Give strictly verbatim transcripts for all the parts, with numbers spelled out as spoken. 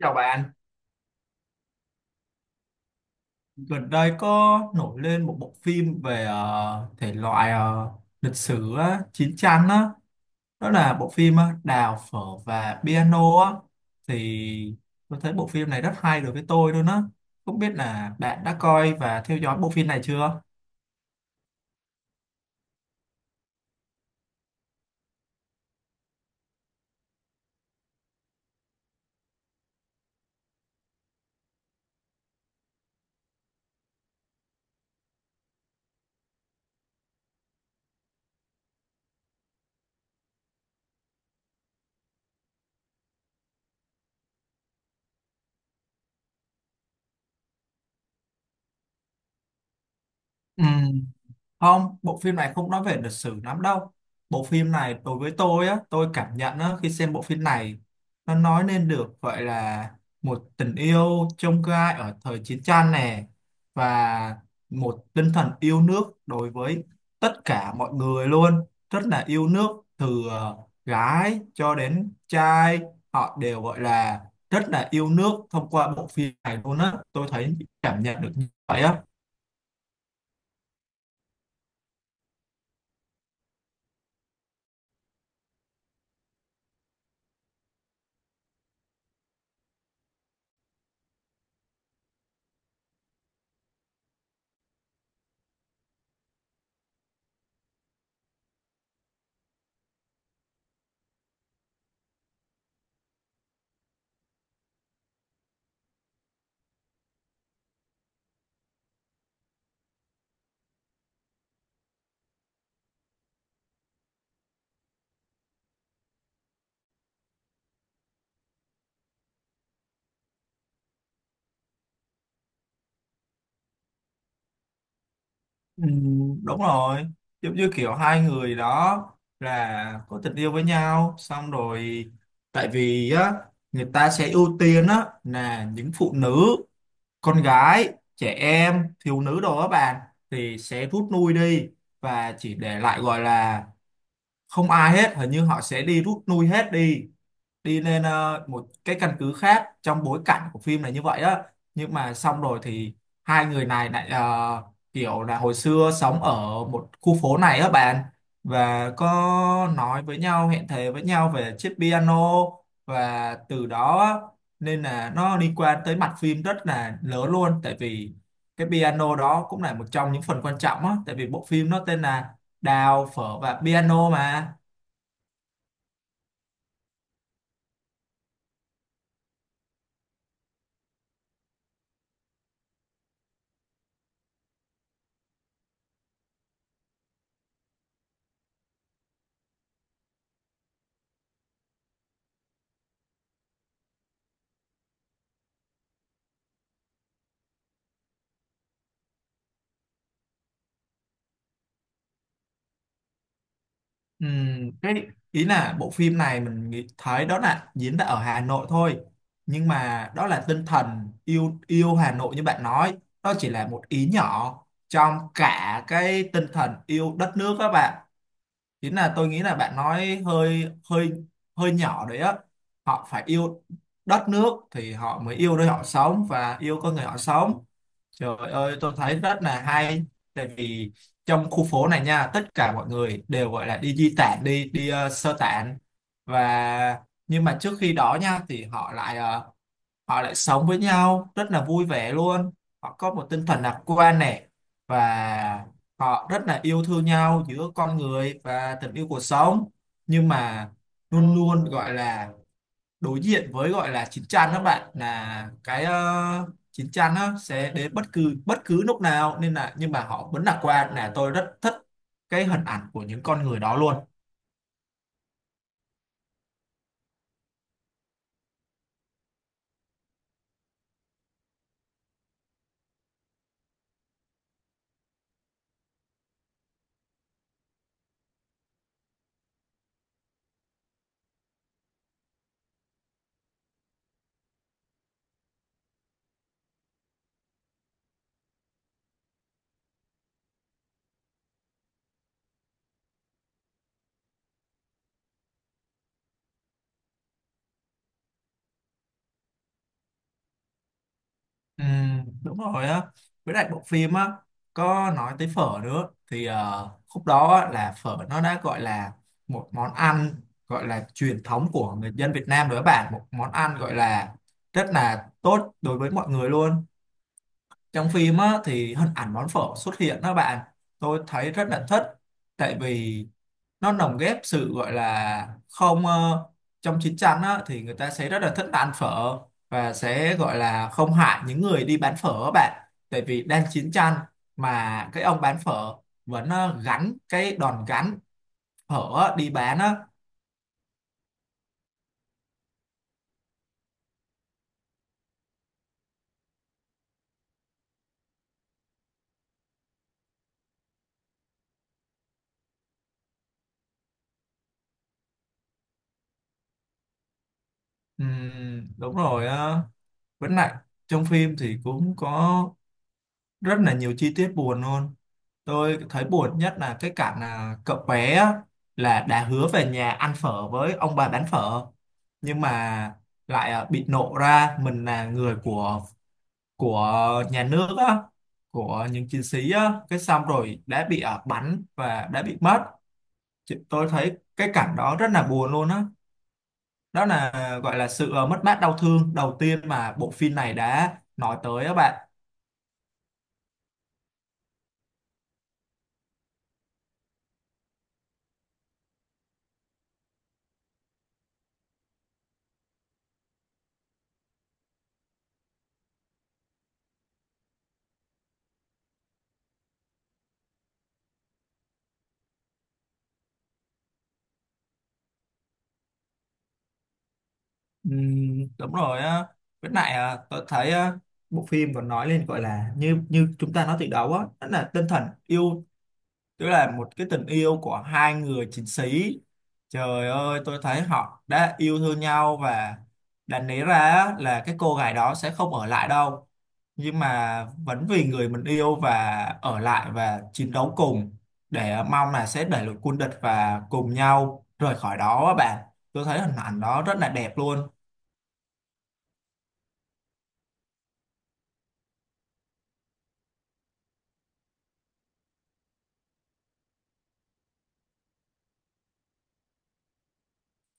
Chào bạn, gần đây có nổi lên một bộ phim về ờ, thể loại, ờ, lịch sử á, chiến tranh á. Đó là bộ phim ờ, Đào phở và piano á. Thì tôi thấy bộ phim này rất hay đối với tôi luôn á. Không biết là bạn đã coi và theo dõi bộ phim này chưa? Ừ. Không, bộ phim này không nói về lịch sử lắm đâu. Bộ phim này đối với tôi á, tôi cảm nhận á, khi xem bộ phim này nó nói lên được gọi là một tình yêu chông gai ở thời chiến tranh nè, và một tinh thần yêu nước đối với tất cả mọi người luôn, rất là yêu nước, từ ờ, gái cho đến trai, họ đều gọi là rất là yêu nước thông qua bộ phim này luôn á. Tôi thấy cảm nhận được như vậy á. Ừ, đúng rồi. Giống như kiểu hai người đó là có tình yêu với nhau, xong rồi tại vì á người ta sẽ ưu tiên á là những phụ nữ, con gái, trẻ em, thiếu nữ đồ á bạn, thì sẽ rút lui đi, và chỉ để lại, gọi là không ai hết, hình như họ sẽ đi rút lui hết, đi đi lên ờ, một cái căn cứ khác trong bối cảnh của phim này như vậy á. Nhưng mà xong rồi thì hai người này lại ờ, kiểu là hồi xưa sống ở một khu phố này á bạn, và có nói với nhau, hẹn thề với nhau về chiếc piano. Và từ đó á, nên là nó liên quan tới mặt phim rất là lớn luôn, tại vì cái piano đó cũng là một trong những phần quan trọng á, tại vì bộ phim nó tên là Đào phở và piano mà. Ừm, cái ý là bộ phim này mình nghĩ thấy đó là diễn ra ở Hà Nội thôi, nhưng mà đó là tinh thần yêu yêu Hà Nội như bạn nói, đó chỉ là một ý nhỏ trong cả cái tinh thần yêu đất nước các bạn. Chính là tôi nghĩ là bạn nói hơi hơi hơi nhỏ đấy á. Họ phải yêu đất nước thì họ mới yêu nơi họ sống và yêu con người họ sống. Trời ơi, tôi thấy rất là hay. Tại vì trong khu phố này nha, tất cả mọi người đều gọi là đi di tản, đi đi ờ, sơ tản. Và nhưng mà trước khi đó nha, thì họ lại ờ, họ lại sống với nhau rất là vui vẻ luôn. Họ có một tinh thần lạc quan này, và họ rất là yêu thương nhau giữa con người và tình yêu cuộc sống. Nhưng mà luôn luôn gọi là đối diện với gọi là chín chắn các bạn, là cái uh, chín chắn nó sẽ đến bất cứ bất cứ lúc nào, nên là nhưng mà họ vẫn lạc quan. Là tôi rất thích cái hình ảnh của những con người đó luôn. Ừm, đúng rồi á. Với lại bộ phim á có nói tới phở nữa, thì ờ, khúc đó á, là phở nó đã gọi là một món ăn, gọi là truyền thống của người dân Việt Nam rồi các bạn, một món ăn gọi là rất là tốt đối với mọi người luôn. Trong phim á, thì hình ảnh món phở xuất hiện đó bạn, tôi thấy rất là thích. Tại vì nó lồng ghép sự gọi là không ờ, trong chiến tranh á, thì người ta sẽ rất là thích ăn phở, và sẽ gọi là không hại những người đi bán phở á bạn, tại vì đang chiến tranh, mà cái ông bán phở vẫn ờ, gắn cái đòn gánh phở á, đi bán á. Ừm, đúng rồi á. Với lại trong phim thì cũng có rất là nhiều chi tiết buồn luôn. Tôi thấy buồn nhất là cái cảnh là cậu bé á, là đã hứa về nhà ăn phở với ông bà bán phở, nhưng mà lại à, bị nộ ra mình là người của của nhà nước á, của những chiến sĩ á, cái xong rồi đã bị à, bắn và đã bị mất. Chị- tôi thấy cái cảnh đó rất là buồn luôn á. Đó là à, gọi là sự à, mất mát đau thương đầu tiên mà bộ phim này đã nói tới á bạn. Ừm, đúng rồi á. Với lại à, tôi thấy à, bộ phim còn nói lên gọi là như như chúng ta nói từ đầu á, đó là tinh thần yêu, tức là một cái tình yêu của hai người chiến sĩ. Trời ơi, tôi thấy họ đã yêu thương nhau, và đáng lý ra á, là cái cô gái đó sẽ không ở lại đâu, nhưng mà vẫn vì người mình yêu và ở lại và chiến đấu cùng, để mong là sẽ đẩy lùi quân địch và cùng nhau rời khỏi đó á bạn. Tôi thấy hình ảnh đó rất là đẹp luôn.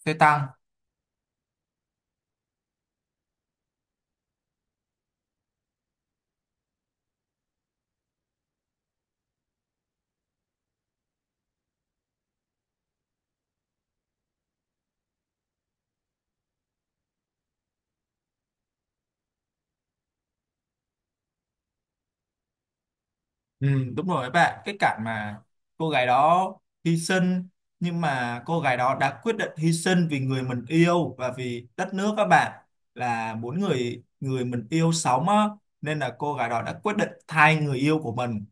Xe tăng. Ừ, đúng rồi các bạn, cái cảnh mà cô gái đó hy sinh, nhưng mà cô gái đó đã quyết định hy sinh vì người mình yêu và vì đất nước các bạn, là muốn người người mình yêu sống á, nên là cô gái đó đã quyết định thay người yêu của mình,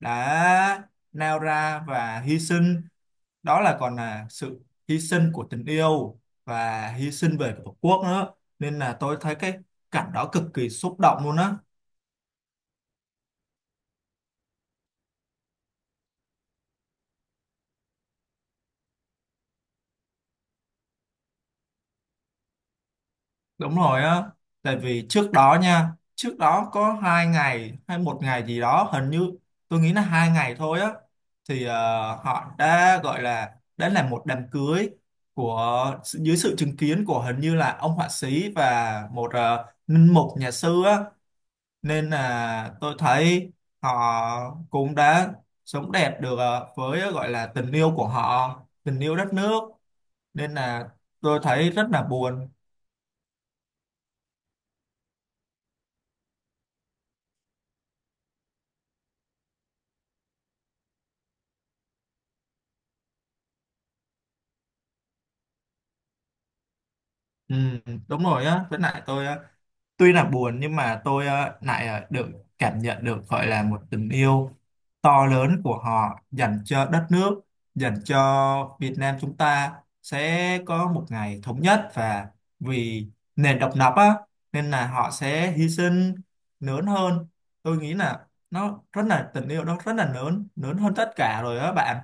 đã nao ra và hy sinh. Đó là còn là sự hy sinh của tình yêu và hy sinh về tổ quốc nữa, nên là tôi thấy cái cảnh đó cực kỳ xúc động luôn á. Đúng rồi á. Tại vì trước đó nha, trước đó có hai ngày hay một ngày gì đó, hình như tôi nghĩ là hai ngày thôi á, thì ờ, họ đã gọi là đã làm một đám cưới, của dưới sự chứng kiến của hình như là ông họa sĩ và một ờ, linh mục nhà sư á. Nên là tôi thấy họ cũng đã sống đẹp được ờ, với gọi là tình yêu của họ, tình yêu đất nước. Nên là tôi thấy rất là buồn. Ừ, đúng rồi á. Với lại tôi á, tuy là buồn, nhưng mà tôi á lại à, được cảm nhận được, gọi là một tình yêu to lớn của họ dành cho đất nước, dành cho Việt Nam. Chúng ta sẽ có một ngày thống nhất, và vì nền độc lập á, nên là họ sẽ hy sinh lớn hơn. Tôi nghĩ là nó rất là tình yêu, nó rất là lớn, lớn hơn tất cả rồi á bạn.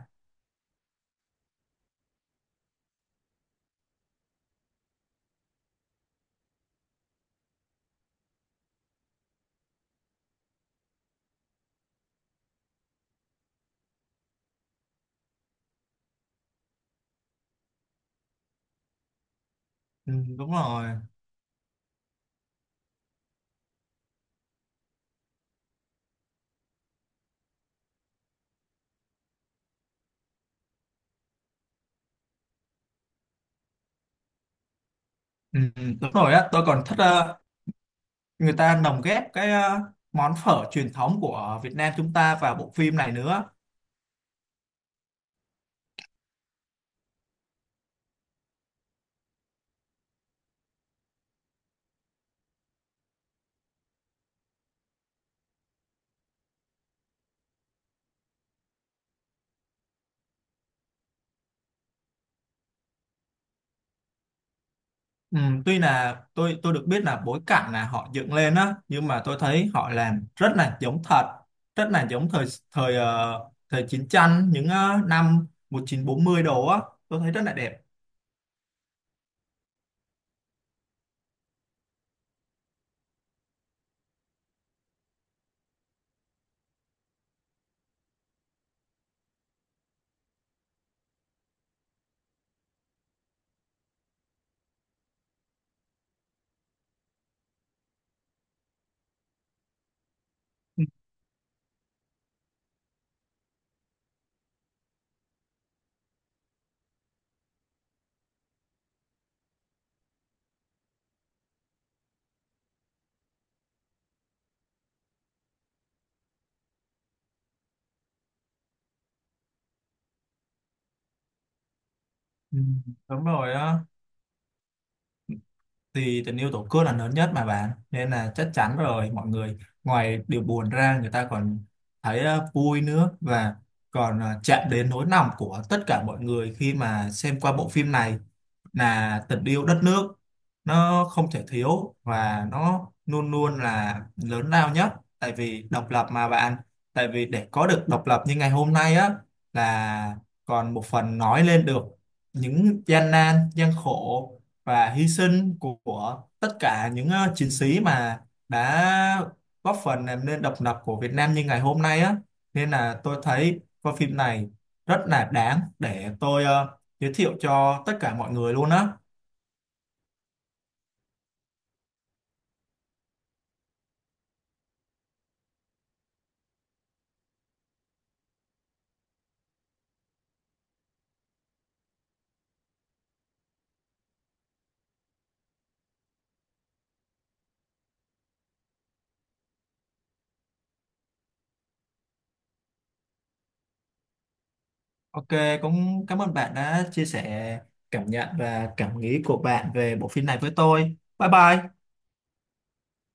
Ừ, đúng rồi. Ừ, đúng rồi á. Tôi còn thích người ta lồng ghép cái ờ, món phở truyền thống của Việt Nam chúng ta vào bộ phim này nữa. Ừ, tuy là tôi tôi được biết là bối cảnh là họ dựng lên á, nhưng mà tôi thấy họ làm rất là giống thật, rất là giống thời thời ờ, thời chiến tranh những ờ, năm một nghìn chín trăm bốn mươi đồ á. Tôi thấy rất là đẹp. Ừ, đúng rồi á. Thì tình yêu tổ quốc là lớn nhất mà bạn, nên là chắc chắn rồi, mọi người ngoài điều buồn ra, người ta còn thấy ờ, vui nữa, và còn ờ, chạm đến nỗi lòng của tất cả mọi người khi mà xem qua bộ phim này. Là tình yêu đất nước nó không thể thiếu, và nó luôn luôn là lớn lao nhất, tại vì độc lập mà bạn. Tại vì để có được độc lập như ngày hôm nay á, là còn một phần nói lên được những gian nan gian khổ và hy sinh của, của tất cả những ờ, chiến sĩ mà đã góp phần làm nên độc lập của Việt Nam như ngày hôm nay á. Nên là tôi thấy coi phim này rất là đáng để tôi ờ, giới thiệu cho tất cả mọi người luôn á. Ok, cũng cảm ơn bạn đã chia sẻ cảm nhận và cảm nghĩ của bạn về bộ phim này với tôi. Bye bye.